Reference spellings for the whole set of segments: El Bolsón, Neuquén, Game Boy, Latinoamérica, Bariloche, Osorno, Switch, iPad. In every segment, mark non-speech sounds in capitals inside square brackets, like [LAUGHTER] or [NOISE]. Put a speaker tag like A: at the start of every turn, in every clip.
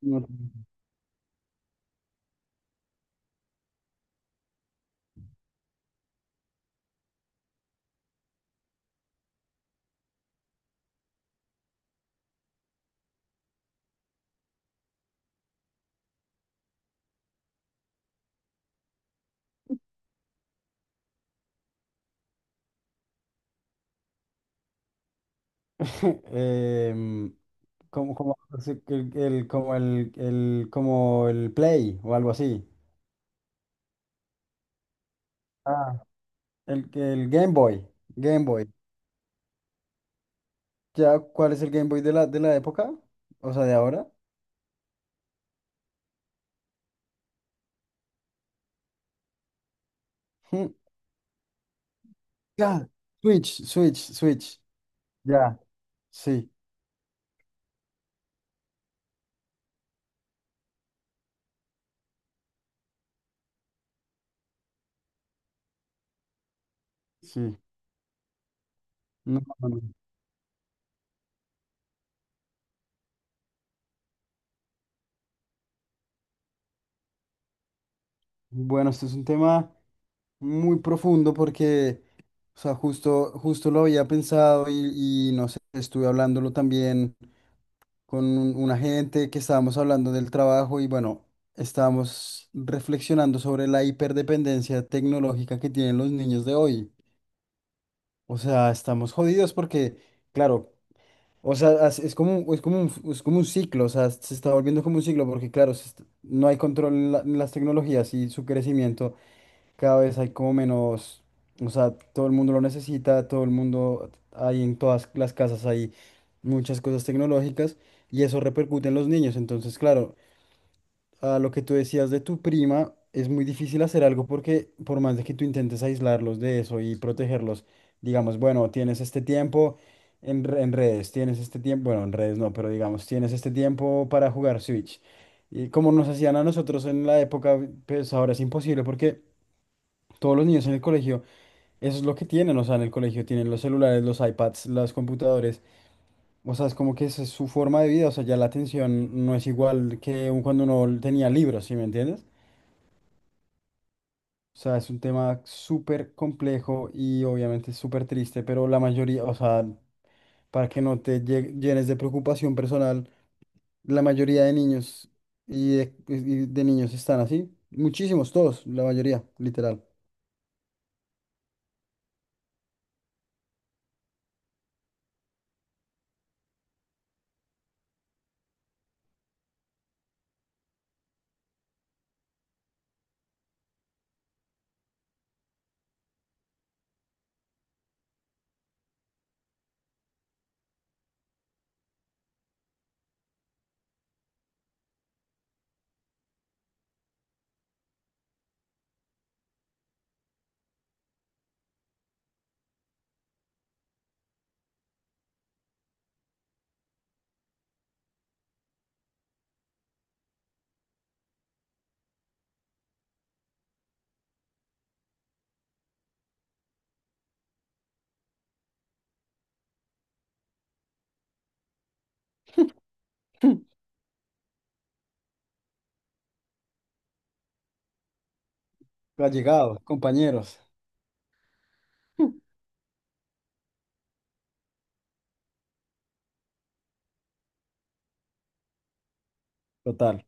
A: No. [LAUGHS] Em, como, así que como como el Play o algo así. Ah. El Game Boy. Game Boy. ¿Ya cuál es el Game Boy de la época? O sea, de ahora. Hmm. Ya. Switch. Ya. Sí, sí. No, no, no. Bueno, este es un tema muy profundo porque, o sea, justo lo había pensado y no sé, estuve hablándolo también con una gente que estábamos hablando del trabajo y bueno, estábamos reflexionando sobre la hiperdependencia tecnológica que tienen los niños de hoy. O sea, estamos jodidos porque, claro, o sea, es como, es como es como un ciclo, o sea, se está volviendo como un ciclo porque, claro, no hay control en, en las tecnologías y su crecimiento cada vez hay como menos, o sea, todo el mundo lo necesita, todo el mundo, hay en todas las casas hay muchas cosas tecnológicas y eso repercute en los niños. Entonces, claro, a lo que tú decías de tu prima, es muy difícil hacer algo porque por más de que tú intentes aislarlos de eso y protegerlos, digamos, bueno, tienes este tiempo. En redes, tienes este tiempo, bueno, en redes no, pero digamos, tienes este tiempo para jugar Switch. Y como nos hacían a nosotros en la época, pues ahora es imposible porque todos los niños en el colegio, eso es lo que tienen, o sea, en el colegio tienen los celulares, los iPads, los computadores, o sea, es como que esa es su forma de vida, o sea, ya la atención no es igual que cuando uno tenía libros, ¿sí me entiendes? O sea, es un tema súper complejo y obviamente súper triste, pero la mayoría, o sea, para que no te llenes de preocupación personal, la mayoría de niños y de niños están así, muchísimos, todos, la mayoría, literal. Allegados, compañeros. [LAUGHS] Total.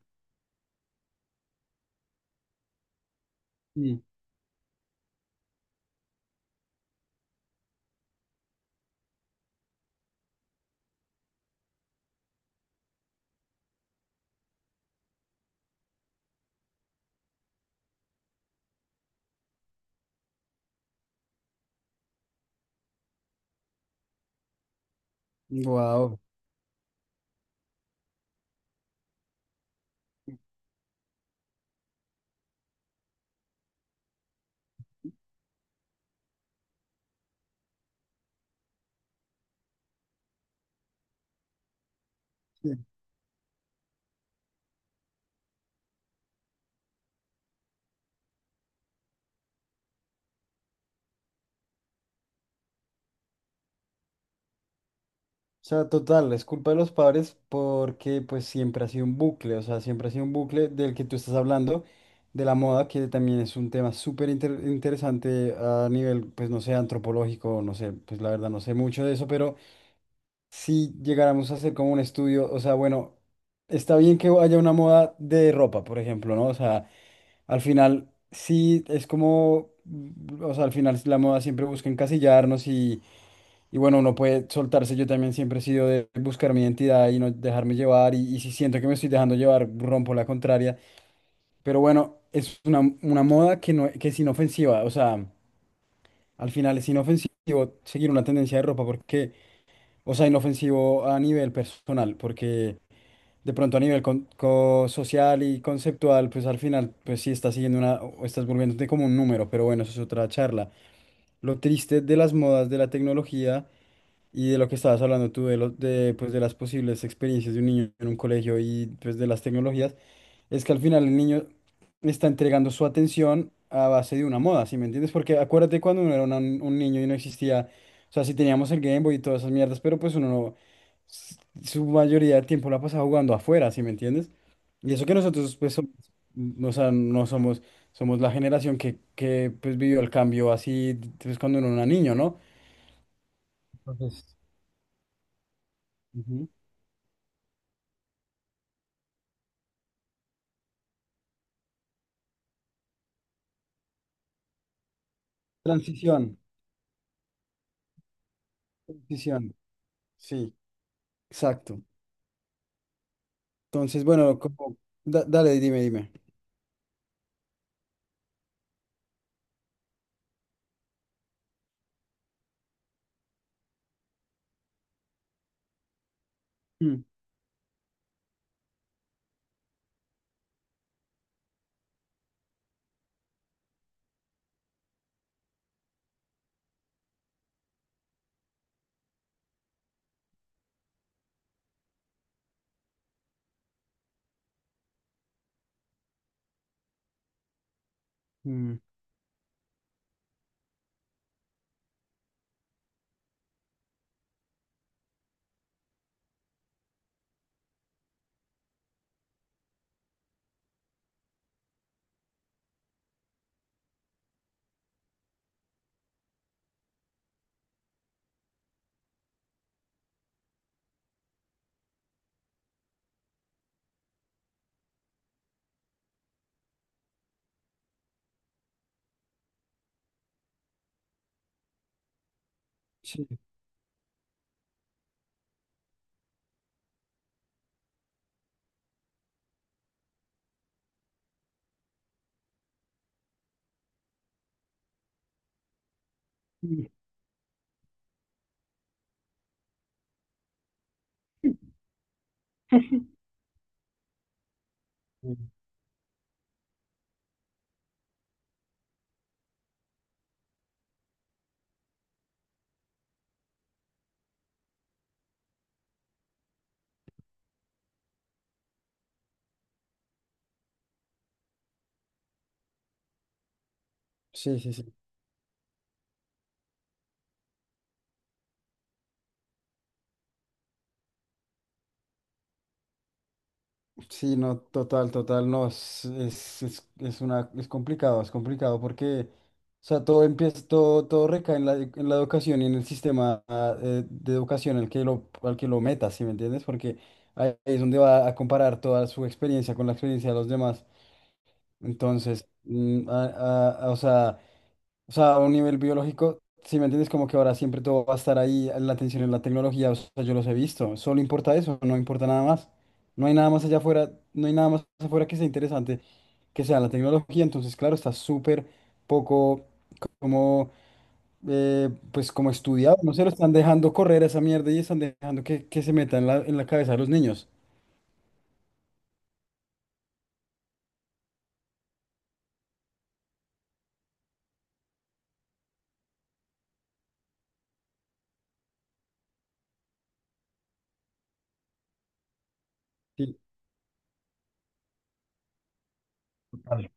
A: Wow. O sea, total, es culpa de los padres porque pues siempre ha sido un bucle, o sea, siempre ha sido un bucle del que tú estás hablando, de la moda, que también es un tema súper interesante a nivel, pues no sé, antropológico, no sé, pues la verdad no sé mucho de eso, pero si llegáramos a hacer como un estudio, o sea, bueno, está bien que haya una moda de ropa, por ejemplo, ¿no? O sea, al final sí es como, o sea, al final la moda siempre busca encasillarnos. Y bueno, uno puede soltarse. Yo también siempre he sido de buscar mi identidad y no dejarme llevar. Y si siento que me estoy dejando llevar, rompo la contraria. Pero bueno, es una moda que, no, que es inofensiva. O sea, al final es inofensivo seguir una tendencia de ropa porque, o sea, inofensivo a nivel personal, porque de pronto a nivel social y conceptual, pues al final, pues sí estás siguiendo una, o estás volviéndote como un número. Pero bueno, eso es otra charla. Lo triste de las modas, de la tecnología. Y de lo que estabas hablando tú, de, de, pues, de las posibles experiencias de un niño en un colegio y pues, de las tecnologías, es que al final el niño está entregando su atención a base de una moda, ¿sí me entiendes? Porque acuérdate cuando uno era un niño y no existía, o sea, sí teníamos el Game Boy y todas esas mierdas, pero pues uno no, s- su mayoría del tiempo la pasaba jugando afuera, ¿sí me entiendes? Y eso que nosotros, pues, no, o sea, no somos, somos la generación que pues, vivió el cambio así, pues, cuando uno era niño, ¿no? Entonces... Ujú. Transición, transición, sí, exacto. Entonces, bueno, como, dale, dime. Mm, mm, sí, mm, mm, sí, sí, sí. Sí, no, total, total, no, es una, es complicado porque, o sea, todo empieza, todo, todo recae en la educación y en el sistema de educación al que lo metas, ¿sí me entiendes? Porque ahí es donde va a comparar toda su experiencia con la experiencia de los demás. Entonces, o sea... O sea, a un nivel biológico, si me entiendes, como que ahora siempre todo va a estar ahí, la atención en la tecnología, o sea, yo los he visto, solo importa eso, no importa nada más. No hay nada más allá afuera, no hay nada más afuera que sea interesante que sea la tecnología, entonces, claro, está súper poco como, pues, como estudiado, no se lo están dejando correr a esa mierda y están dejando que se meta en la cabeza de los niños. Sí, total.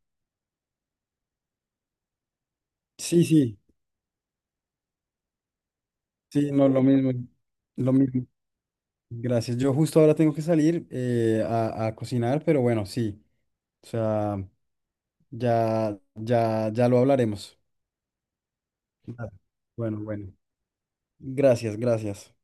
A: Sí, sí, sí, no, lo mismo, lo mismo. Gracias. Yo justo ahora tengo que salir a cocinar, pero bueno, sí. O sea, ya lo hablaremos. Claro. Bueno, bueno. Gracias, gracias.